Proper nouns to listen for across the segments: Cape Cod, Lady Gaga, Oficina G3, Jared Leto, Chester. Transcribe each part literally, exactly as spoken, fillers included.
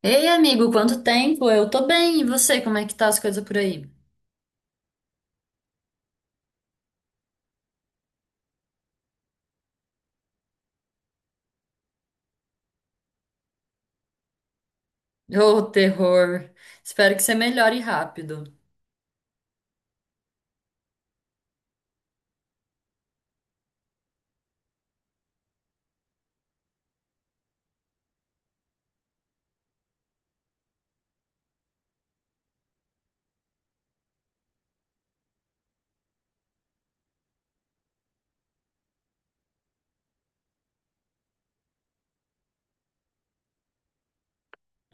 Ei, amigo, quanto tempo? Eu tô bem, e você? Como é que tá as coisas por aí? Ô, terror! Espero que você melhore rápido.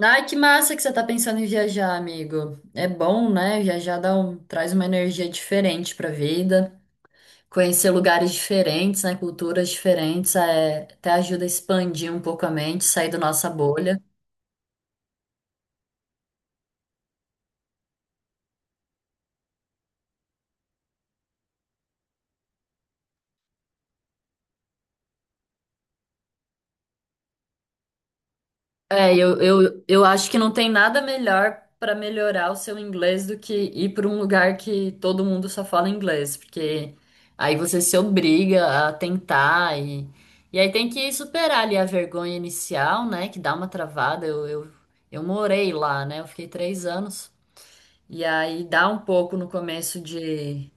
Ai, que massa que você tá pensando em viajar, amigo. É bom, né? Viajar dá um- traz uma energia diferente pra vida. Conhecer lugares diferentes, né? Culturas diferentes, é, até ajuda a expandir um pouco a mente, sair da nossa bolha. É, eu, eu, eu acho que não tem nada melhor para melhorar o seu inglês do que ir para um lugar que todo mundo só fala inglês, porque aí você se obriga a tentar e, e aí tem que superar ali a vergonha inicial, né? Que dá uma travada. Eu, eu, eu morei lá, né? Eu fiquei três anos. E aí dá um pouco no começo de.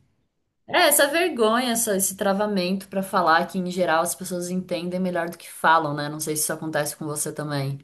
É, essa vergonha, essa, esse travamento para falar que em geral as pessoas entendem melhor do que falam, né? Não sei se isso acontece com você também.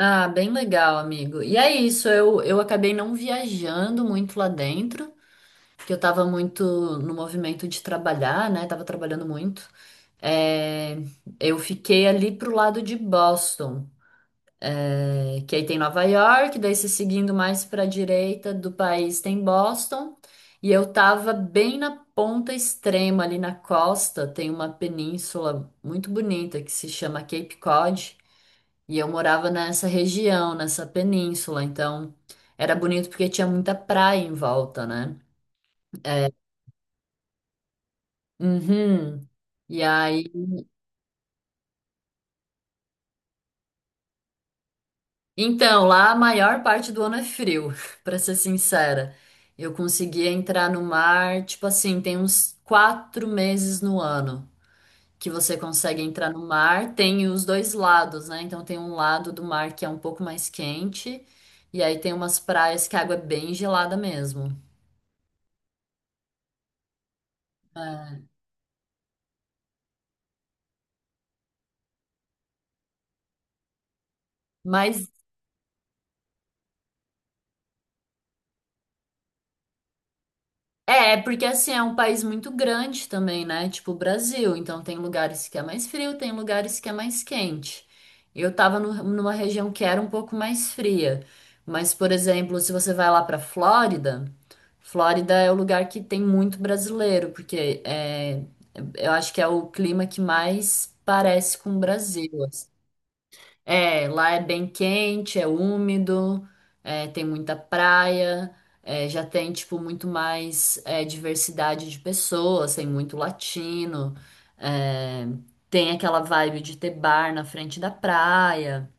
Ah, bem legal, amigo. E é isso, eu, eu acabei não viajando muito lá dentro, porque eu tava muito no movimento de trabalhar, né? Tava trabalhando muito. É, eu fiquei ali pro lado de Boston, é, que aí tem Nova York, daí se seguindo mais pra direita do país tem Boston, e eu tava bem na ponta extrema ali na costa, tem uma península muito bonita que se chama Cape Cod. E eu morava nessa região, nessa península, então era bonito porque tinha muita praia em volta, né? Uhum. E aí, então, lá a maior parte do ano é frio, pra ser sincera. Eu conseguia entrar no mar, tipo assim, tem uns quatro meses no ano que você consegue entrar no mar. Tem os dois lados, né? Então tem um lado do mar que é um pouco mais quente, e aí tem umas praias que a água é bem gelada mesmo. É. Mas é, porque assim é um país muito grande também, né? Tipo o Brasil. Então tem lugares que é mais frio, tem lugares que é mais quente. Eu tava no- numa região que era um pouco mais fria. Mas, por exemplo, se você vai lá pra Flórida, Flórida é o lugar que tem muito brasileiro, porque é, eu acho que é o clima que mais parece com o Brasil. É, lá é bem quente, é úmido, é, tem muita praia, é, já tem, tipo, muito mais é, diversidade de pessoas, tem muito latino, é, tem aquela vibe de ter bar na frente da praia.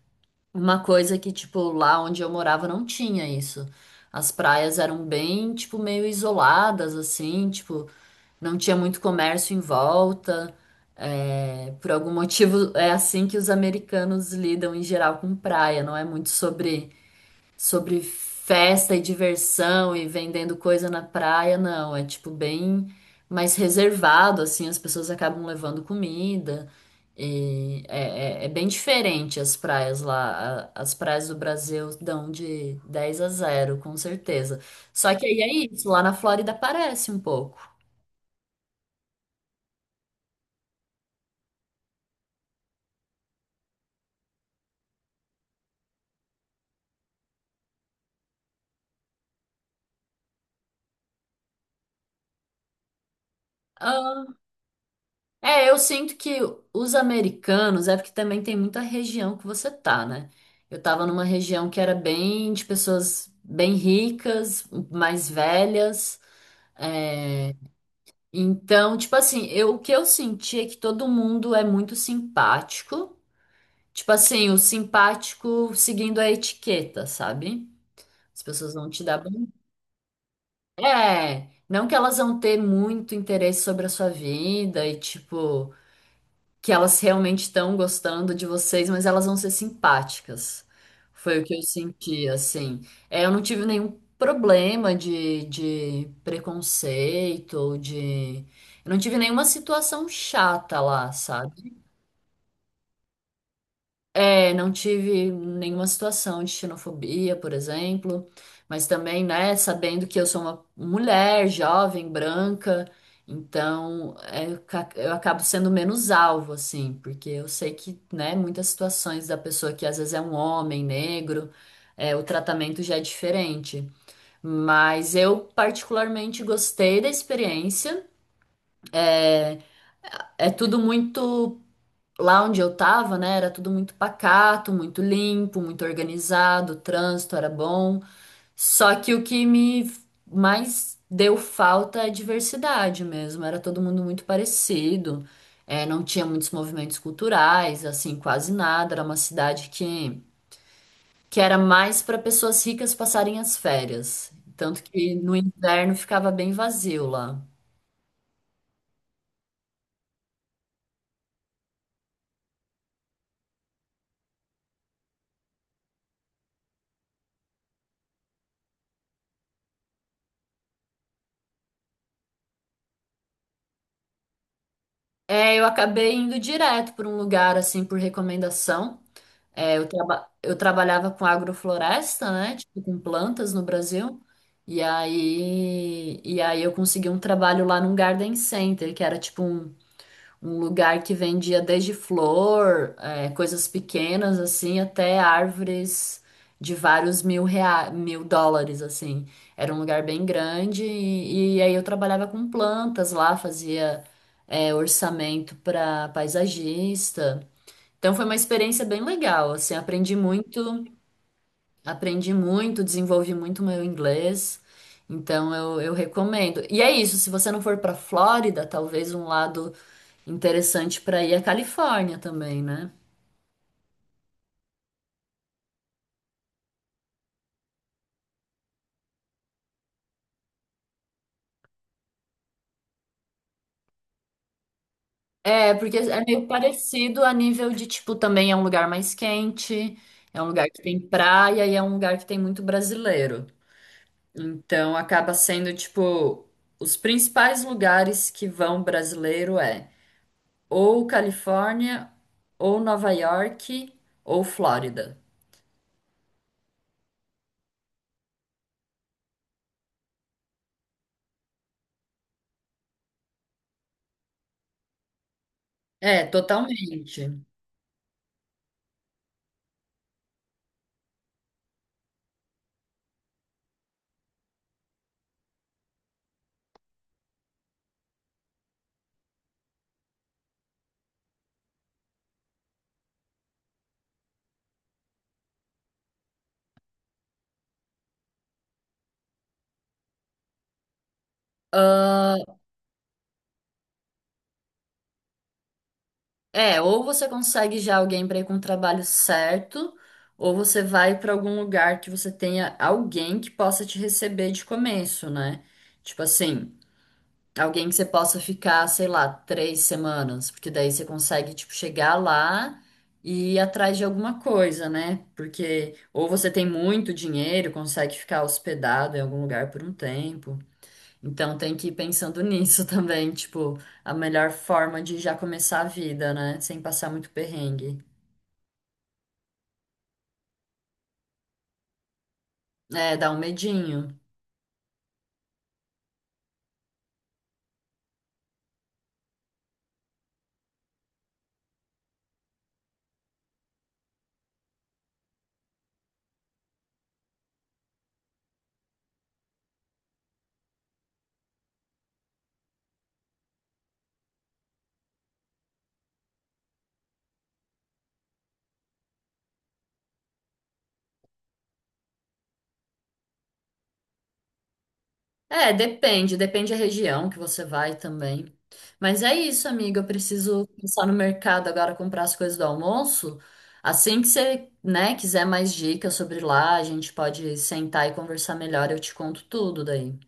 Uma coisa que, tipo, lá onde eu morava não tinha isso. As praias eram bem, tipo, meio isoladas, assim, tipo, não tinha muito comércio em volta. É, por algum motivo, é assim que os americanos lidam em geral com praia. Não é muito sobre, sobre festa e diversão e vendendo coisa na praia, não. É tipo bem mais reservado, assim. As pessoas acabam levando comida. E é, é- é bem diferente as praias lá. A- As praias do Brasil dão de dez a zero com certeza. Só que aí é isso. Lá na Flórida parece um pouco. É, eu sinto que os americanos, é porque também tem muita região que você tá, né? Eu tava numa região que era bem de pessoas bem ricas, mais velhas. é, Então, tipo assim, eu, o que eu senti é que todo mundo é muito simpático. Tipo assim, o simpático seguindo a etiqueta, sabe? As pessoas vão te dar bom. É, não que elas vão ter muito interesse sobre a sua vida e tipo. Que elas realmente estão gostando de vocês, mas elas vão ser simpáticas. Foi o que eu senti, assim. É, eu não tive nenhum problema de, de preconceito ou de. Eu não tive nenhuma situação chata lá, sabe? É, não tive nenhuma situação de xenofobia, por exemplo, mas também, né, sabendo que eu sou uma mulher jovem, branca, então é, eu ca- eu acabo sendo menos alvo, assim, porque eu sei que, né, muitas situações da pessoa que às vezes é um homem negro, é, o tratamento já é diferente. Mas eu particularmente gostei da experiência. É tudo muito lá onde eu tava, né, era tudo muito pacato, muito limpo, muito organizado, o trânsito era bom. Só que o que me mais deu falta é a diversidade mesmo. Era todo mundo muito parecido, é, não tinha muitos movimentos culturais, assim, quase nada. Era uma cidade que, que era mais para pessoas ricas passarem as férias. Tanto que no inverno ficava bem vazio lá. É, eu acabei indo direto para um lugar assim por recomendação. É, eu, traba- eu trabalhava com agrofloresta, né? Tipo, com plantas no Brasil. E aí, e aí eu consegui um trabalho lá num garden center, que era tipo um, um lugar que vendia desde flor, é, coisas pequenas, assim, até árvores de vários mil rea... mil dólares, assim. Era um lugar bem grande e, e aí eu trabalhava com plantas lá, fazia, é, orçamento para paisagista. Então foi uma experiência bem legal, assim, aprendi muito, aprendi muito, desenvolvi muito meu inglês. Então eu, eu recomendo. E é isso, se você não for para Flórida, talvez um lado interessante para ir é a Califórnia também, né? É, porque é meio parecido a nível de, tipo, também é um lugar mais quente, é um lugar que tem praia e é um lugar que tem muito brasileiro. Então acaba sendo, tipo, os principais lugares que vão brasileiro é ou Califórnia, ou Nova York, ou Flórida. É, totalmente. Ah, é, ou você consegue já alguém para ir com o trabalho certo, ou você vai para algum lugar que você tenha alguém que possa te receber de começo, né? Tipo assim, alguém que você possa ficar, sei lá, três semanas, porque daí você consegue, tipo, chegar lá e ir atrás de alguma coisa, né? Porque ou você tem muito dinheiro, consegue ficar hospedado em algum lugar por um tempo. Então tem que ir pensando nisso também, tipo, a melhor forma de já começar a vida, né? Sem passar muito perrengue. É, dá um medinho. É, depende, depende da região que você vai também. Mas é isso, amiga. Eu preciso pensar no mercado agora, comprar as coisas do almoço. Assim que você, né, quiser mais dicas sobre lá, a gente pode sentar e conversar melhor. Eu te conto tudo daí.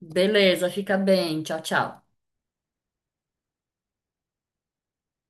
Beleza, fica bem. Tchau, tchau.